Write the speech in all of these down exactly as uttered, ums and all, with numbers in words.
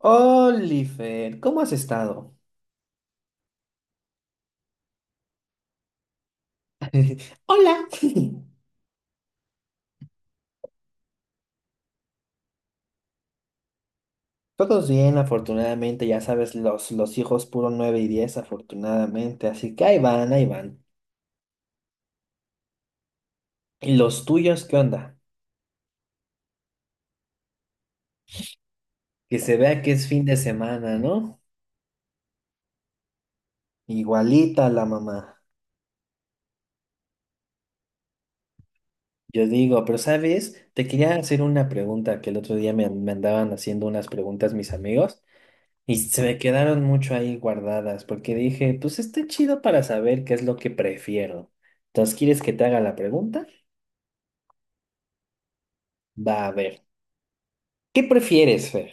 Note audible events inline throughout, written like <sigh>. Oliver, ¿cómo has estado? <laughs> Hola. <laughs> Todos bien, afortunadamente, ya sabes, los, los hijos puro nueve y diez, afortunadamente, así que ahí van, ahí van. ¿Y los tuyos qué onda? Que se vea que es fin de semana, ¿no? Igualita la mamá. Yo digo, pero ¿sabes? Te quería hacer una pregunta que el otro día me, me andaban haciendo unas preguntas mis amigos. Y se me quedaron mucho ahí guardadas porque dije, pues está chido para saber qué es lo que prefiero. Entonces, ¿quieres que te haga la pregunta? Va a ver. ¿Qué prefieres, Fer?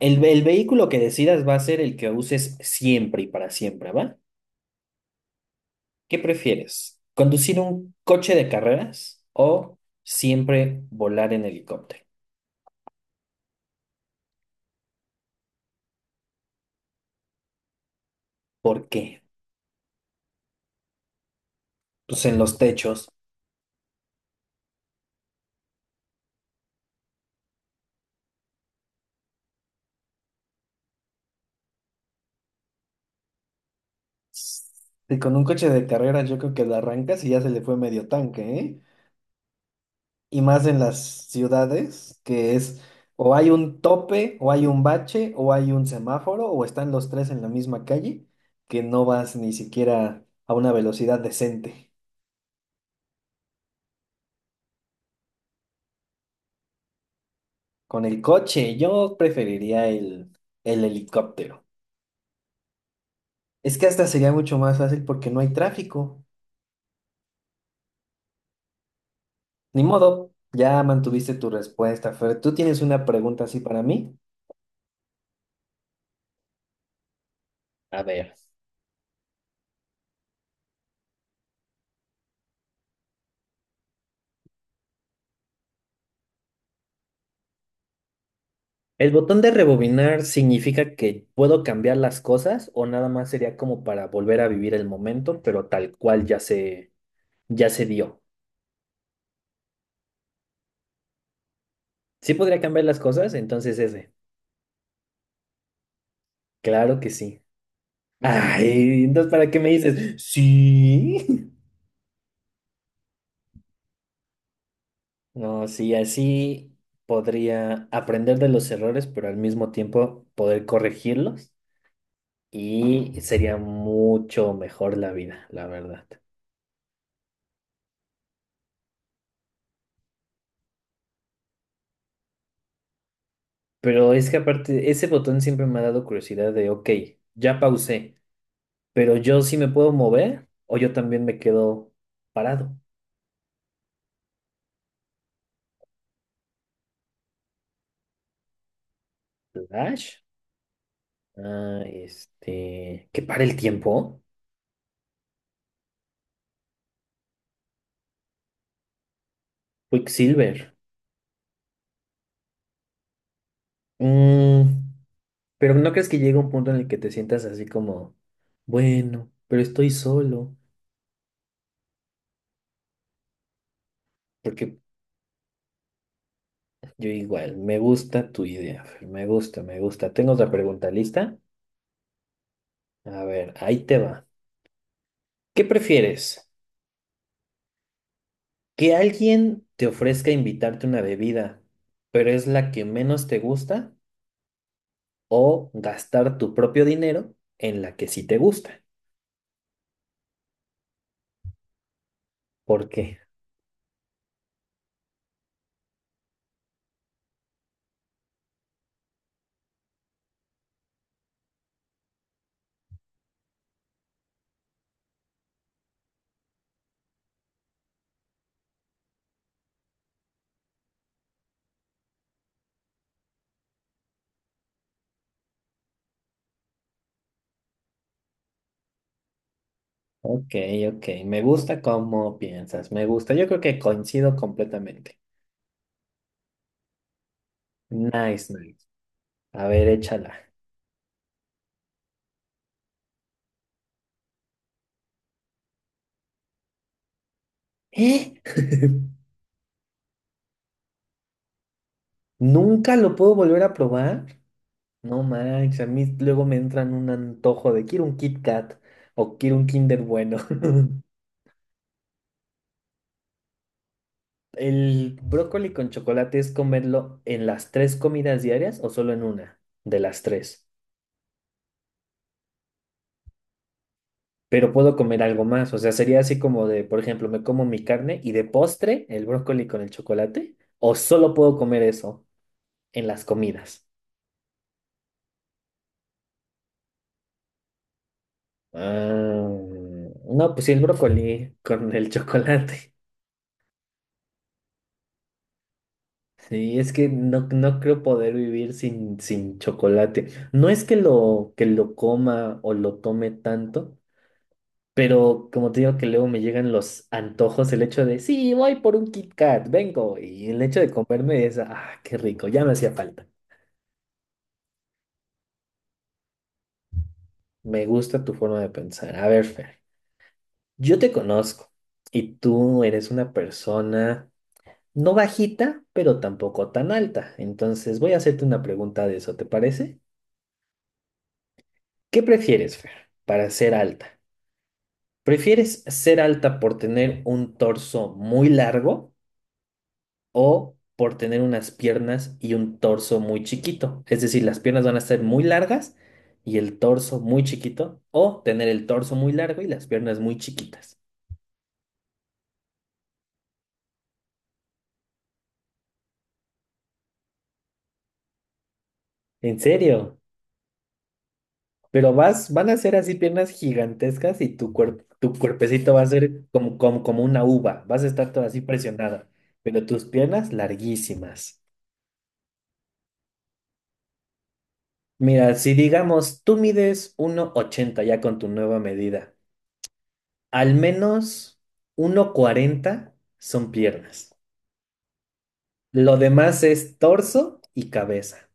El, el vehículo que decidas va a ser el que uses siempre y para siempre, ¿va? ¿Qué prefieres? ¿Conducir un coche de carreras o siempre volar en helicóptero? ¿Por qué? Pues en los techos. Y con un coche de carreras yo creo que lo arrancas y ya se le fue medio tanque, ¿eh? Y más en las ciudades, que es o hay un tope, o hay un bache, o hay un semáforo, o están los tres en la misma calle, que no vas ni siquiera a una velocidad decente. Con el coche, yo preferiría el, el helicóptero. Es que hasta sería mucho más fácil porque no hay tráfico. Ni modo, ya mantuviste tu respuesta, Fer. ¿Tú tienes una pregunta así para mí? A ver. ¿El botón de rebobinar significa que puedo cambiar las cosas o nada más sería como para volver a vivir el momento, pero tal cual ya se, ya se dio? ¿Sí podría cambiar las cosas? Entonces ese. Claro que sí. Ay, entonces ¿para qué me dices? Sí. <laughs> No, sí, así podría aprender de los errores, pero al mismo tiempo poder corregirlos y sería mucho mejor la vida, la verdad. Pero es que aparte, ese botón siempre me ha dado curiosidad de, ok, ya pausé, pero yo sí me puedo mover o yo también me quedo parado. Flash, ah, este, que para el tiempo, Quicksilver. Mm, pero ¿no crees que llega un punto en el que te sientas así como, bueno, pero estoy solo? Porque yo igual, me gusta tu idea, Fer, me gusta, me gusta. Tengo otra pregunta lista. A ver, ahí te va. ¿Qué prefieres? Que alguien te ofrezca invitarte una bebida, pero es la que menos te gusta, o gastar tu propio dinero en la que sí te gusta. ¿Por qué? Ok, ok. Me gusta cómo piensas. Me gusta. Yo creo que coincido completamente. Nice, nice. A ver, échala. ¿Eh? <laughs> ¿Nunca lo puedo volver a probar? No manches, a mí luego me entran un antojo de quiero un Kit Kat o quiero un Kinder bueno. <laughs> ¿El brócoli con chocolate es comerlo en las tres comidas diarias o solo en una de las tres? Pero puedo comer algo más, o sea, sería así como de, por ejemplo, me como mi carne y de postre el brócoli con el chocolate, o solo puedo comer eso en las comidas. Ah, no, pues sí, el brócoli con el chocolate. <laughs> Sí, es que no, no creo poder vivir sin, sin chocolate. No es que lo, que lo, coma o lo tome tanto. Pero como te digo que luego me llegan los antojos, el hecho de, sí, voy por un Kit Kat, vengo. Y el hecho de comerme es, ah, qué rico, ya me hacía falta. Me gusta tu forma de pensar. A ver, Fer, yo te conozco y tú eres una persona no bajita, pero tampoco tan alta. Entonces voy a hacerte una pregunta de eso, ¿te parece? ¿Qué prefieres, Fer, para ser alta? ¿Prefieres ser alta por tener un torso muy largo? O por tener unas piernas y un torso muy chiquito. Es decir, las piernas van a ser muy largas y el torso muy chiquito, o tener el torso muy largo y las piernas muy chiquitas. ¿En serio? Pero vas, van a ser así piernas gigantescas y tu cuerpo, tu cuerpecito va a ser como, como, como una uva, vas a estar toda así presionada, pero tus piernas larguísimas. Mira, si digamos, tú mides uno ochenta ya con tu nueva medida. Al menos uno cuarenta son piernas. Lo demás es torso y cabeza.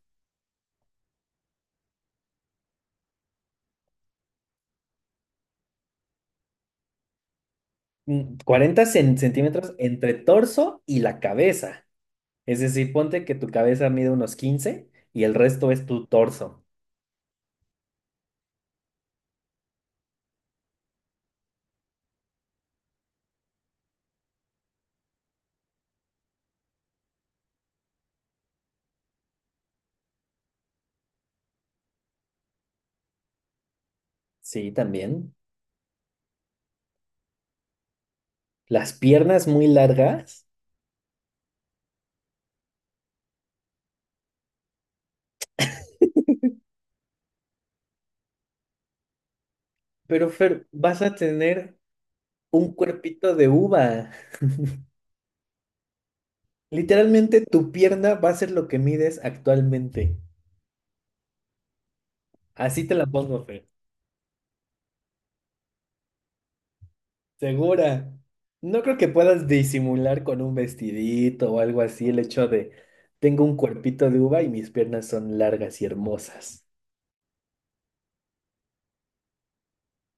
Mm, cuarenta cen- centímetros entre torso y la cabeza. Es decir, ponte que tu cabeza mide unos quince y el resto es tu torso. Sí, también. Las piernas muy largas, pero Fer, vas a tener un cuerpito de uva. Literalmente tu pierna va a ser lo que mides actualmente. Así te la pongo, Fer. Segura. No creo que puedas disimular con un vestidito o algo así el hecho de tengo un cuerpito de uva y mis piernas son largas y hermosas.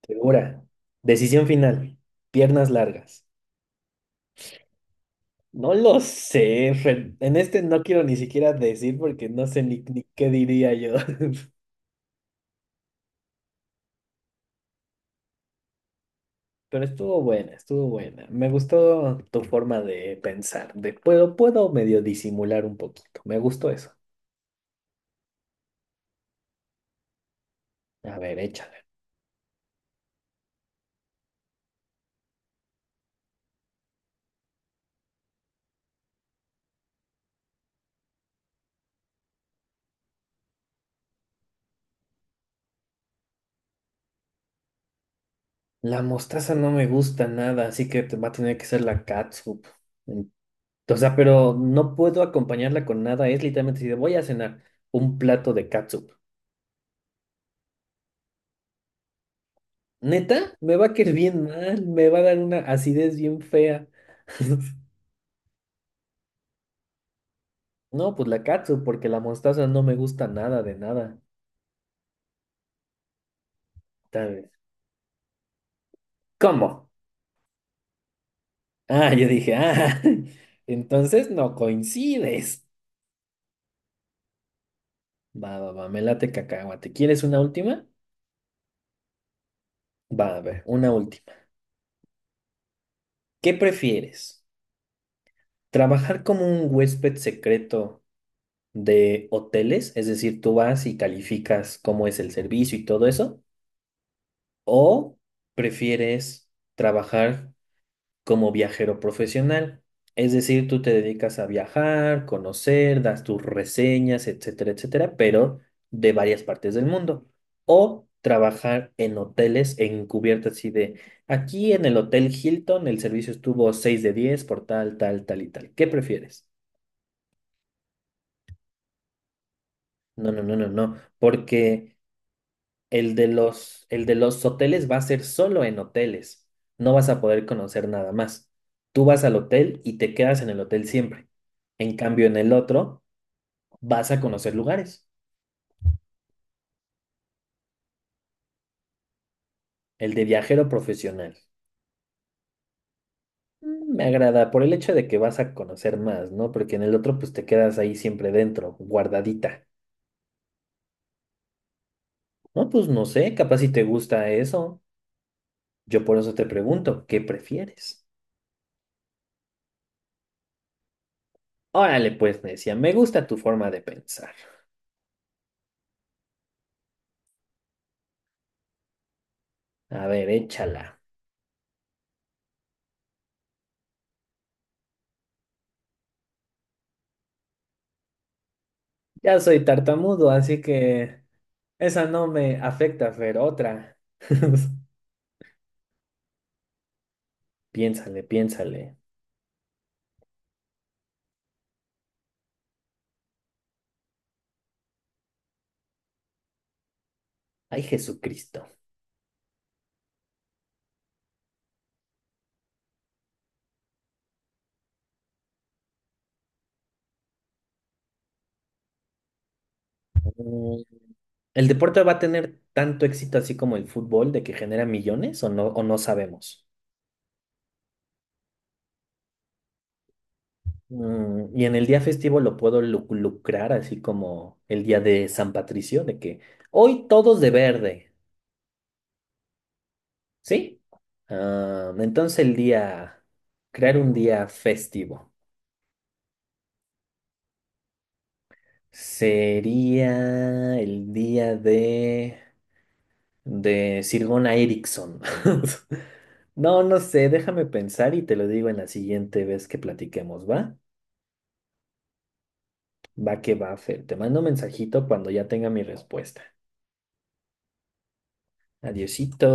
Segura. Decisión final. Piernas largas. No lo sé, Fer. En este no quiero ni siquiera decir porque no sé ni, ni qué diría yo. <laughs> Pero estuvo buena, estuvo buena. Me gustó tu forma de pensar, de puedo, puedo medio disimular un poquito. Me gustó eso. A ver, échale. La mostaza no me gusta nada, así que te va a tener que ser la catsup. En- O sea, pero no puedo acompañarla con nada. Es literalmente si voy a cenar un plato de catsup. Neta, me va a caer bien mal, me va a dar una acidez bien fea. <laughs> No, pues la catsup, porque la mostaza no me gusta nada de nada. Tal vez. ¿Cómo? Ah, yo dije, ah, <laughs> entonces no coincides. Va, va, va, me late cacahuate. ¿Quieres una última? Va, a ver, una última. ¿Qué prefieres? Trabajar como un huésped secreto de hoteles, es decir, tú vas y calificas cómo es el servicio y todo eso, o prefieres trabajar como viajero profesional, es decir, tú te dedicas a viajar, conocer, das tus reseñas, etcétera, etcétera, pero de varias partes del mundo, o trabajar en hoteles encubierto así de aquí en el Hotel Hilton el servicio estuvo seis de diez por tal, tal, tal y tal. ¿Qué prefieres? No, no, no, no, no, porque el de los, el de los, hoteles va a ser solo en hoteles. No vas a poder conocer nada más. Tú vas al hotel y te quedas en el hotel siempre. En cambio, en el otro vas a conocer lugares. El de viajero profesional. Mm, Me agrada por el hecho de que vas a conocer más, ¿no? Porque en el otro pues te quedas ahí siempre dentro, guardadita. No, pues no sé, capaz si te gusta eso. Yo por eso te pregunto, ¿qué prefieres? Órale, pues, me decía, me gusta tu forma de pensar. A ver, échala. Ya soy tartamudo, así que esa no me afecta, Fer, otra. <laughs> Piénsale, piénsale. Ay, Jesucristo. Mm, ¿El deporte va a tener tanto éxito así como el fútbol de que genera millones o no, o no sabemos? Mm, ¿Y en el día festivo lo puedo lu- lucrar así como el día de San Patricio, de que hoy todos de verde, ¿sí? Ah, entonces el día, crear un día festivo. Sería el día de, de Sir Gunnar Eriksson. <laughs> No, no sé, déjame pensar y te lo digo en la siguiente vez que platiquemos, ¿va? Va que va, Fer. Te mando un mensajito cuando ya tenga mi respuesta. Adiosito.